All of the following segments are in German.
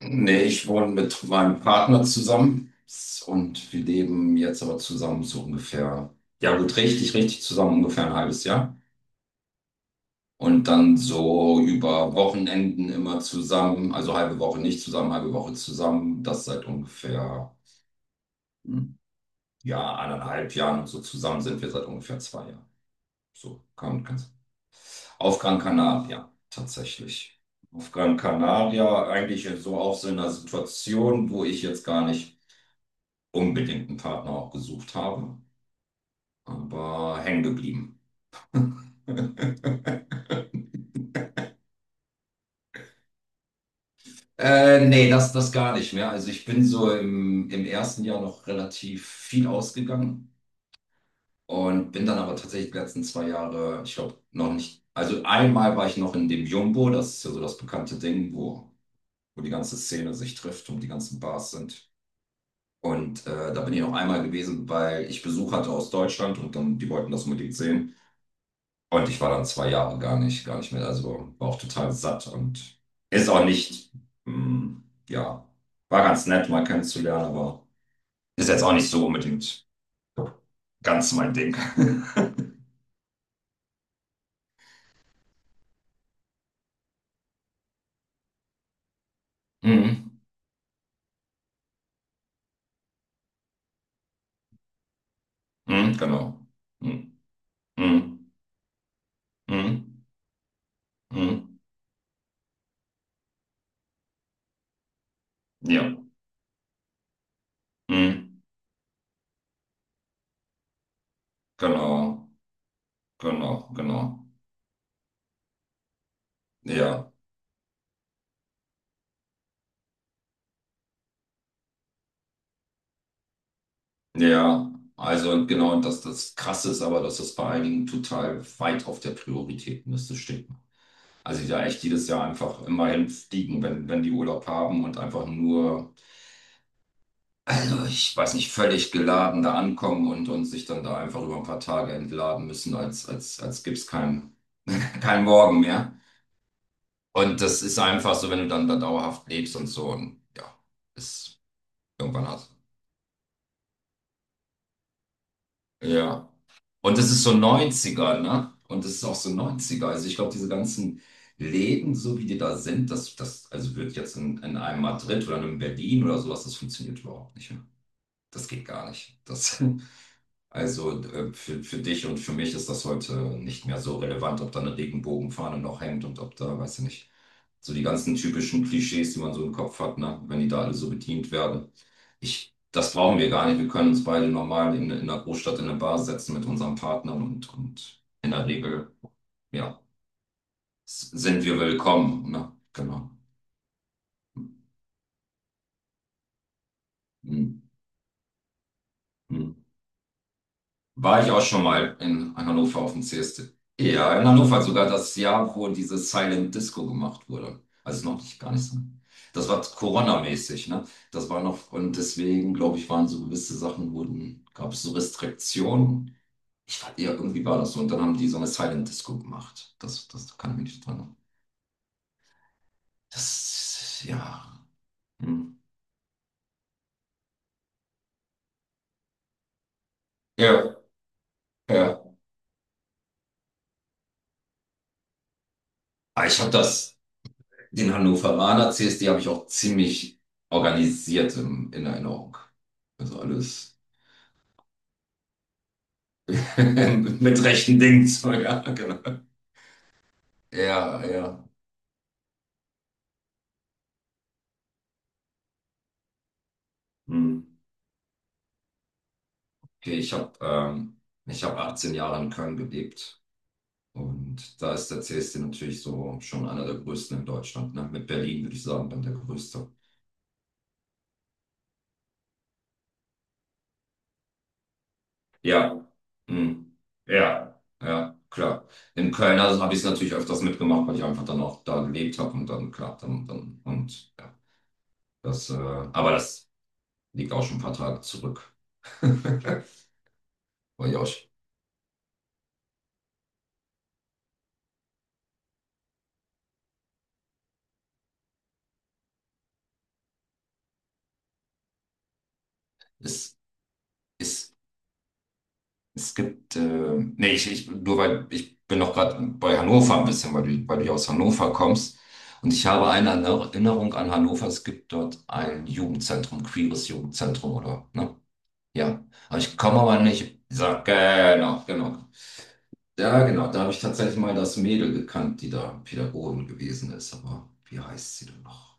Nee, ich wohne mit meinem Partner zusammen und wir leben jetzt aber zusammen so ungefähr, ja gut, richtig, richtig zusammen ungefähr ein halbes Jahr. Und dann so über Wochenenden immer zusammen, also halbe Woche nicht zusammen, halbe Woche zusammen. Das seit ungefähr, hm, ja, anderthalb Jahren und so zusammen sind wir seit ungefähr 2 Jahren. So, kann. Auf Gran Canaria, tatsächlich. Auf Gran Canaria eigentlich so auch so in einer Situation, wo ich jetzt gar nicht unbedingt einen Partner auch gesucht habe, aber hängen geblieben. Nee, das gar nicht mehr. Also ich bin so im ersten Jahr noch relativ viel ausgegangen und bin dann aber tatsächlich die letzten 2 Jahre, ich glaube, noch nicht. Also einmal war ich noch in dem Jumbo, das ist ja so das bekannte Ding, wo die ganze Szene sich trifft und die ganzen Bars sind. Und da bin ich noch einmal gewesen, weil ich Besuch hatte aus Deutschland und dann, die wollten das unbedingt sehen. Und ich war dann 2 Jahre gar nicht mehr. Also war auch total satt und ist auch nicht, mm, ja, war ganz nett, mal kennenzulernen, aber ist jetzt auch nicht so unbedingt ganz mein Ding. Mhm. Mhm, genau. Mhm. Mhm. Mhm. Mhm. Ja. Mhm. Genau. Genau. Genau. Ja. Ja. Also genau, dass das Krasse ist aber, dass das bei einigen total weit auf der Prioritätenliste steht, ne? Also die da echt jedes Jahr einfach immer hinfliegen, wenn die Urlaub haben und einfach nur, also ich weiß nicht, völlig geladen da ankommen und sich dann da einfach über ein paar Tage entladen müssen, als gäbe es keinen kein Morgen mehr. Und das ist einfach so, wenn du dann da dauerhaft lebst und so und ja, ist irgendwann hast. Ja. Und das ist so 90er, ne? Und das ist auch so 90er. Also ich glaube, diese ganzen Läden, so wie die da sind, das also wird jetzt in einem Madrid oder einem Berlin oder sowas, das funktioniert überhaupt nicht. Ja. Das geht gar nicht. Das, also für dich und für mich ist das heute nicht mehr so relevant, ob da eine Regenbogenfahne noch hängt und ob da, weiß ich nicht, so die ganzen typischen Klischees, die man so im Kopf hat, ne? Wenn die da alle so bedient werden. Das brauchen wir gar nicht. Wir können uns beide normal in einer Großstadt in eine Bar setzen mit unserem Partner und in der Regel, ja, sind wir willkommen, ne? Genau. Hm, hm. War ich auch schon mal in Hannover auf dem CSD. Ja, in Hannover sogar das Jahr, wo diese Silent Disco gemacht wurde. Also noch nicht, gar nicht so. Das war Corona-mäßig, ne? Das war noch, und deswegen, glaube ich, waren so gewisse Sachen, wurden, gab es so Restriktionen. Ich fand, ja, irgendwie war das so. Und dann haben die so eine Silent Disco gemacht. Das kann ich mich nicht dran erinnern. Das, ja. Hm. Ja, ja. Aber ich habe das. Den Hannoveraner CSD habe ich auch ziemlich organisiert in Erinnerung. Also alles mit rechten Dingen. So, ja, genau. Ja, ja. Hm. Okay, ich hab 18 Jahre in Köln gelebt. Und da ist der CSD natürlich so schon einer der größten in Deutschland. Ne? Mit Berlin würde ich sagen, dann der größte. Ja. Hm. Ja, ja, klar. In Köln also habe ich es natürlich öfters mitgemacht, weil ich einfach dann auch da gelebt habe und dann, klar, dann und ja. Aber das liegt auch schon ein paar Tage zurück. War ja auch, es, es, es gibt, nee, ich, nur weil ich bin noch gerade bei Hannover ein bisschen, weil du aus Hannover kommst. Und ich habe eine Erinnerung an Hannover. Es gibt dort ein Jugendzentrum, queeres Jugendzentrum, oder? Ne? Ja. Aber ich komme aber nicht. So, genau, genau. Ja, genau. Da habe ich tatsächlich mal das Mädel gekannt, die da Pädagogin gewesen ist. Aber wie heißt sie denn noch?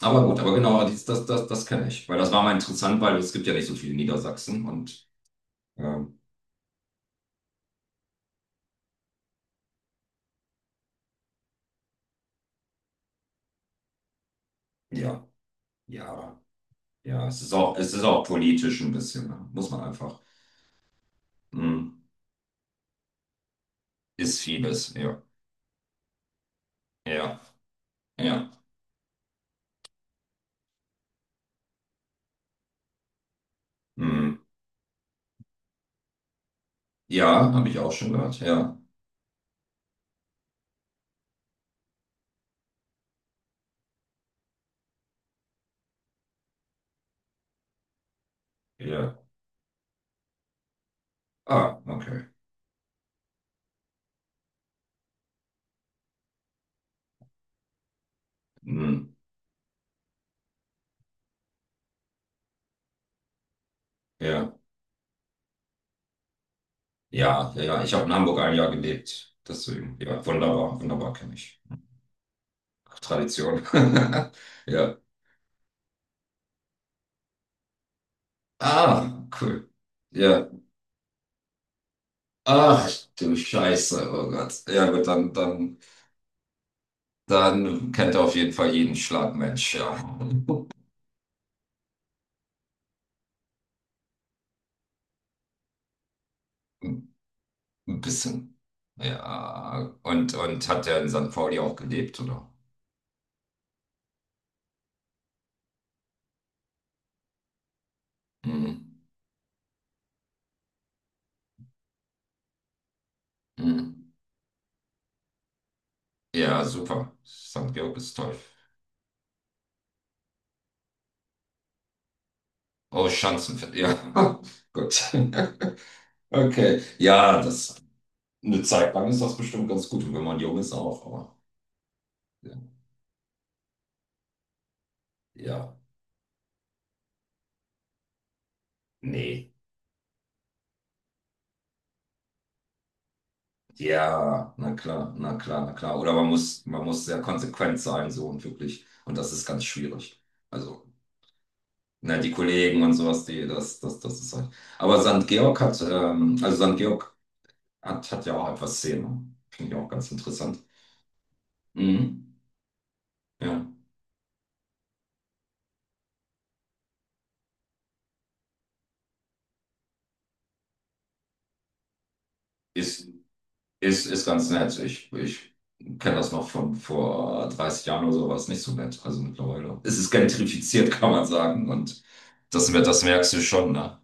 Aber gut, aber genau, das kenne ich. Weil das war mal interessant, weil es gibt ja nicht so viele in Niedersachsen und ähm, ja, ja, ja, es ist auch politisch ein bisschen, ne? Muss man einfach. Hm, ist vieles, ja. Ja, ja. Hm, ja, habe ich auch schon gehört. Ja. Ja. Ah, okay. Hm, ja. Ja, ja, ja. Ich habe in Hamburg ein Jahr gelebt. Deswegen, ja, wunderbar, wunderbar kenne ich. Tradition. Ja. Ah, cool. Ja. Ach du Scheiße, oh Gott. Ja gut, dann, dann kennt er auf jeden Fall jeden Schlagmensch, ja. Ein bisschen. Ja. Und hat er in St. Pauli auch gelebt, oder? Mhm. Mhm. Ja, super. St. Georg ist toll. Oh, Schanzenfest. Ja, gut. Okay. Ja, das eine Zeit lang ist das bestimmt ganz gut. Und wenn man jung ist auch, aber ja. Ja. Nee. Ja, na klar, na klar, na klar. Oder man muss sehr konsequent sein, so und wirklich. Und das ist ganz schwierig. Also, ne, die Kollegen und sowas, das ist halt. Aber St. Georg hat, also St. Georg hat ja auch etwas Szene. Finde ich auch ganz interessant. Mhm. Ja. Ist, ist ganz nett. Ich kenne das noch von vor 30 Jahren oder so, war es nicht so nett. Also mittlerweile. Es ist gentrifiziert, kann man sagen. Und das merkst du schon, ne?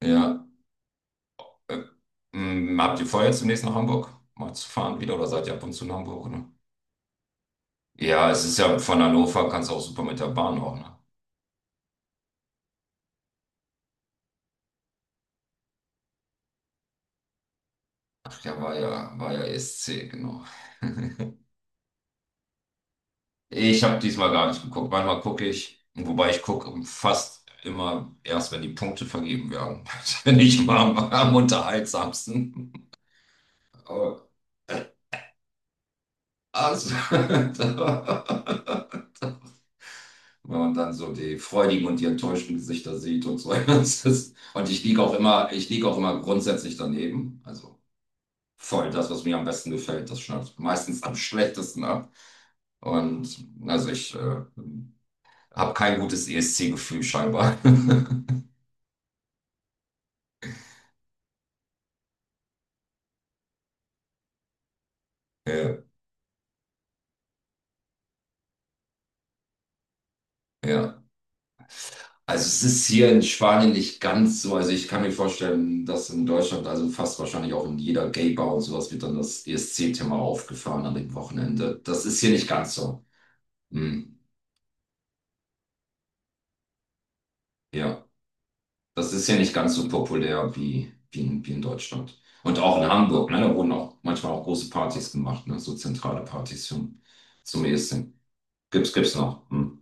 Ja, Äh, habt ihr vor, jetzt demnächst nach Hamburg mal zu fahren wieder oder seid ihr ab und zu in Hamburg, ne? Ja, es ist ja von Hannover, kannst du auch super mit der Bahn auch, ne? Ach ja, war ja ESC, genau. Ich habe diesmal gar nicht geguckt. Manchmal gucke ich, wobei ich gucke fast immer erst, wenn die Punkte vergeben werden. Das finde ich immer am unterhaltsamsten. Aber- Also, Wenn man dann so die freudigen und die enttäuschten Gesichter sieht und so. Das ist, und ich liege auch immer grundsätzlich daneben. Also voll das, was mir am besten gefällt, das schneidet meistens am schlechtesten ab. Und also ich habe kein gutes ESC-Gefühl scheinbar. Ja, ja. Also es ist hier in Spanien nicht ganz so. Also ich kann mir vorstellen, dass in Deutschland, also fast wahrscheinlich auch in jeder Gay-Bar und sowas, wird dann das ESC-Thema aufgefahren an dem Wochenende. Das ist hier nicht ganz so. Hm. Ja, das ist ja nicht ganz so populär wie in Deutschland. Und auch in Hamburg, ne? Da wurden auch manchmal auch große Partys gemacht, ne? So zentrale Partys zum ESC. Gibt's noch. Hm?